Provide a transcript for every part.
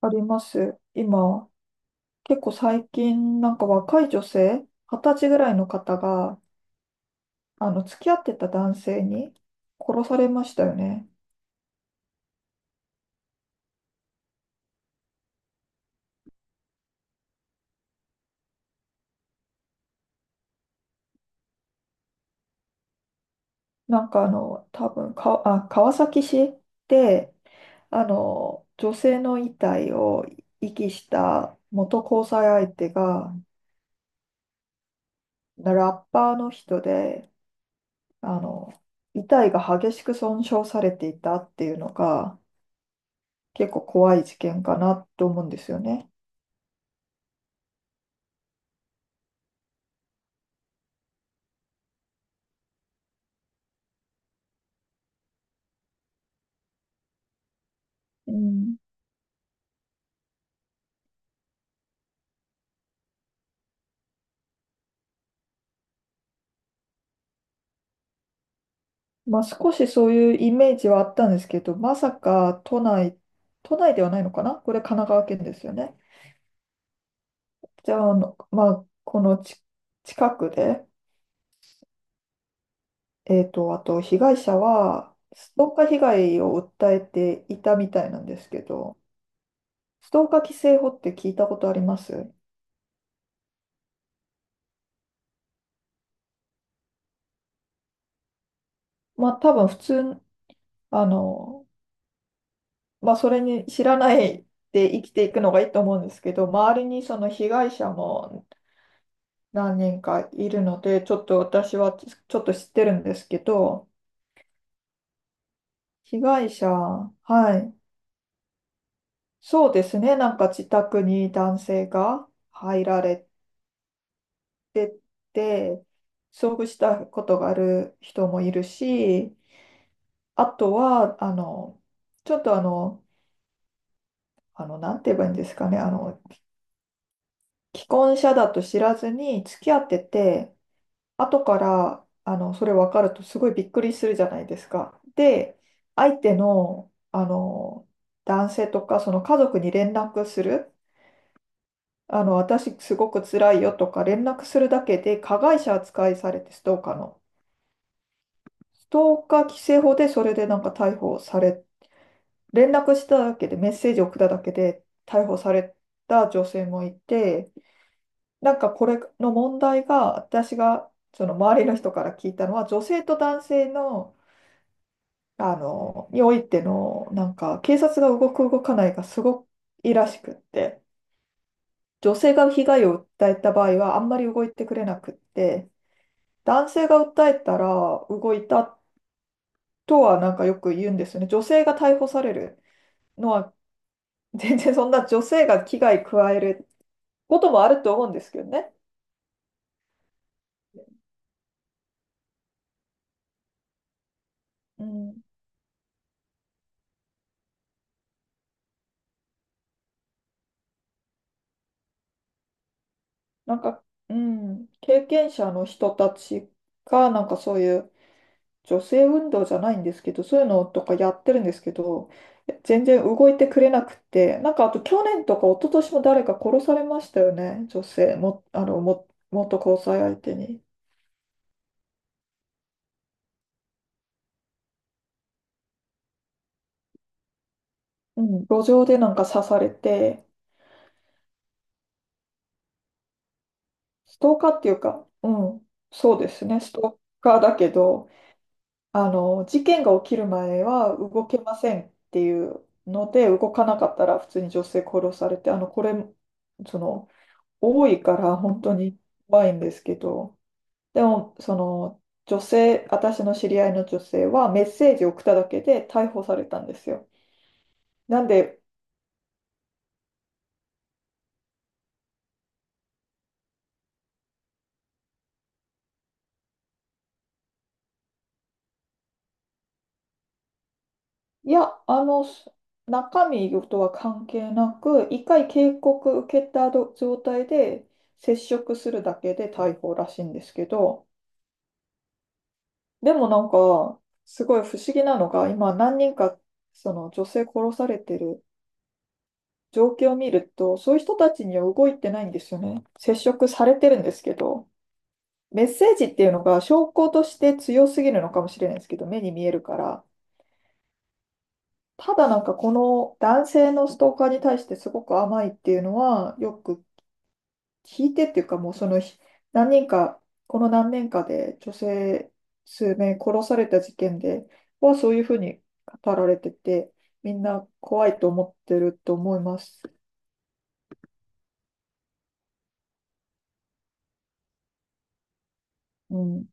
あります。今、結構最近、若い女性、二十歳ぐらいの方が、付き合ってた男性に殺されましたよね。なんかあの、多分か、あ、川崎市で、女性の遺体を遺棄した元交際相手が、ラッパーの人で、あの、遺体が激しく損傷されていたっていうのが、結構怖い事件かなと思うんですよね。うんまあ、少しそういうイメージはあったんですけど、まさか都内、都内ではないのかな、これ神奈川県ですよね。じゃあ、まあ、このち近くで、あと被害者は、ストーカー被害を訴えていたみたいなんですけど、ストーカー規制法って聞いたことあります？まあ、多分普通、あの、それに知らないで生きていくのがいいと思うんですけど、周りにその被害者も何人かいるので、ちょっと私はちょっと知ってるんですけど。被害者、はい、そうですね、なんか自宅に男性が入られてて、遭遇したことがある人もいるし、あとは、あの、ちょっとあの、あの、なんて言えばいいんですかね、あの、既婚者だと知らずに付き合ってて、後からそれ分かるとすごいびっくりするじゃないですか。で、相手の、男性とかその家族に連絡する、私すごく辛いよとか連絡するだけで加害者扱いされて、ストーカーの。ストーカー規制法でそれでなんか逮捕され、連絡しただけで、メッセージ送っただけで逮捕された女性もいて。なんかこれの問題が、私がその周りの人から聞いたのは、女性と男性のにおいての、なんか、警察が動く動かないがすごくいいらしくって、女性が被害を訴えた場合はあんまり動いてくれなくって、男性が訴えたら動いたとはなんかよく言うんですよね。女性が逮捕されるのは、全然、そんな女性が危害加えることもあると思うんですけどね。うん、なんか、うん、経験者の人たちが、なんかそういう、女性運動じゃないんですけど、そういうのとかやってるんですけど、全然動いてくれなくて。なんかあと去年とか一昨年も誰か殺されましたよね、女性も、元交際相手に。うん、路上でなんか刺されて。ストーカーっていうか、うん、そうですね、ストーカーだけど、事件が起きる前は動けませんっていうので、動かなかったら普通に女性殺されて、あの、これ、その、多いから本当に怖いんですけど。でも、その、女性、私の知り合いの女性はメッセージを送っただけで逮捕されたんですよ。なんで。いや、中身とは関係なく、一回警告受けた状態で接触するだけで逮捕らしいんですけど、でもなんか、すごい不思議なのが、今何人か、その女性殺されてる状況を見ると、そういう人たちには動いてないんですよね。接触されてるんですけど。メッセージっていうのが証拠として強すぎるのかもしれないですけど、目に見えるから。ただなんかこの男性のストーカーに対してすごく甘いっていうのは、よく聞いてっていうか、もうその何人か、この何年かで女性数名殺された事件ではそういうふうに語られてて、みんな怖いと思ってると思います。うん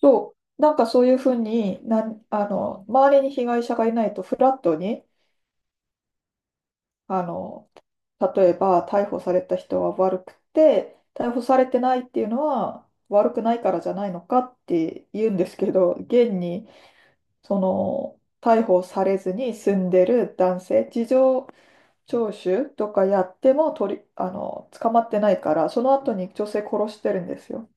そう、なんかそういうふうになん、あの、周りに被害者がいないと、フラットに、あの、例えば逮捕された人は悪くて、逮捕されてないっていうのは悪くないからじゃないのかって言うんですけど、現に、その、逮捕されずに住んでる男性、事情聴取とかやっても取り、あの、捕まってないから、その後に女性殺してるんですよ。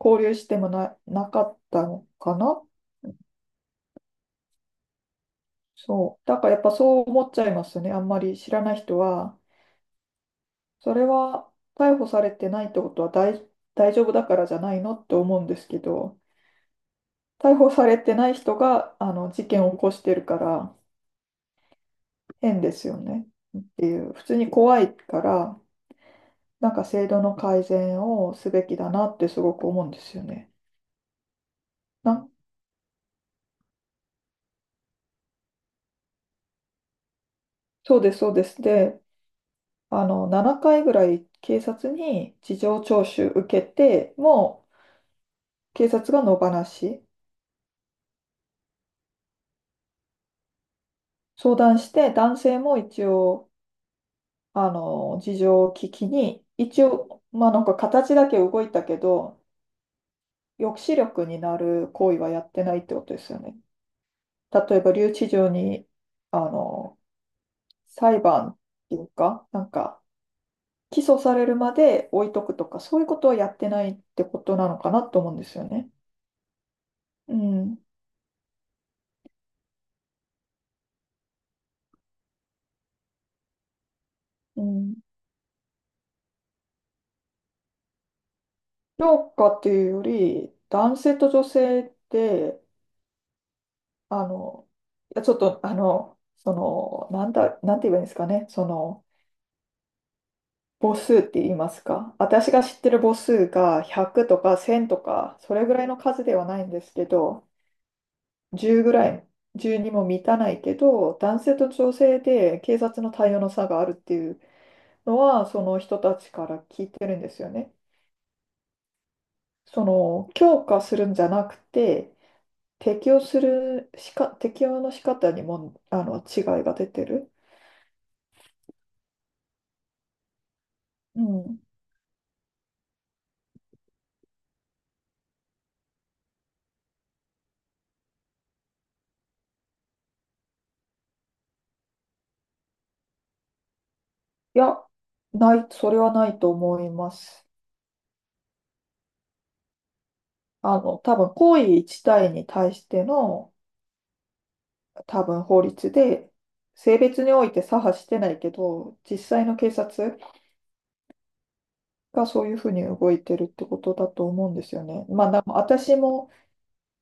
交流してもな、なかったのかな。そう。だからやっぱそう思っちゃいますよね。あんまり知らない人は。それは逮捕されてないってことは大丈夫だからじゃないのって思うんですけど、逮捕されてない人があの事件を起こしてるから、変ですよね。普通に怖いから、なんか制度の改善をすべきだなってすごく思うんですよね。な、そうです、そうです。で、7回ぐらい警察に事情聴取受けて、も警察が野放し。相談して、男性も一応、事情を聞きに、一応、まあなんか形だけ動いたけど、抑止力になる行為はやってないってことですよね。例えば留置場に、あの、裁判っていうか、なんか、起訴されるまで置いとくとか、そういうことはやってないってことなのかなと思うんですよね。うん。うん。評価っていうより、男性と女性ってあの、いやちょっと、あの、その、なんだ、なんて言えばいいんですかね、その、母数って言いますか、私が知ってる母数が100とか1000とか、それぐらいの数ではないんですけど、10ぐらい、10にも満たないけど、男性と女性で警察の対応の差があるっていうのは、その人たちから聞いてるんですよね。その、強化するんじゃなくて、適用するしか、適用の仕方にも、違いが出てる。うんいや、ない、それはないと思います。行為一体に対しての、多分、法律で、性別において左派してないけど、実際の警察がそういうふうに動いてるってことだと思うんですよね。まあ、でも私も、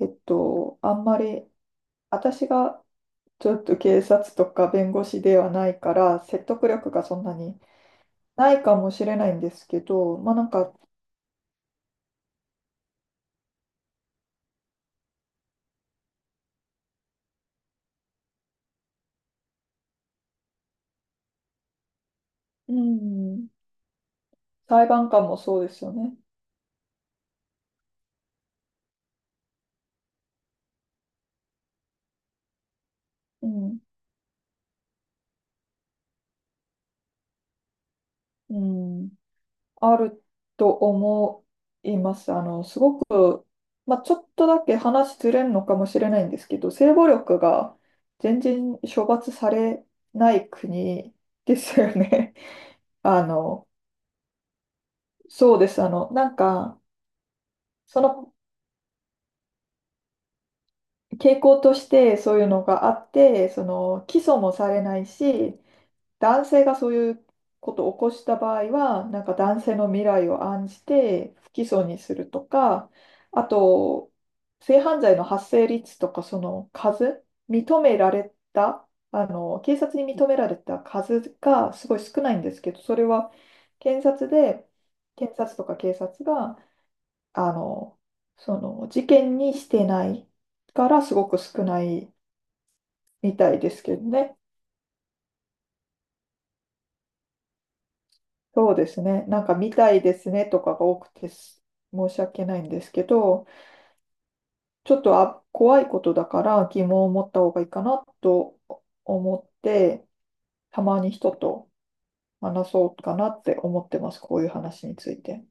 えっと、あんまり、私がちょっと警察とか弁護士ではないから、説得力がそんなにないかもしれないんですけど、うん、裁判官もそうですよね。うんうん、あると思います。あの、すごく、まあ、ちょっとだけ話ずれるのかもしれないんですけど、性暴力が全然処罰されない国ですよね。あの、そうです。その傾向としてそういうのがあって、その、起訴もされないし、男性がそういうことを起こした場合は、なんか男性の未来を案じて不起訴にするとか。あと、性犯罪の発生率とか、その数、認められた、警察に認められた数がすごい少ないんですけど、それは検察で、検察とか警察が、あの、その事件にしてないからすごく少ないみたいですけどね。そうですね。なんか、みたいですねとかが多くて申し訳ないんですけど、ちょっとあ、怖いことだから疑問を持った方がいいかなと思って、たまに人と話そうかなって思ってます。こういう話について。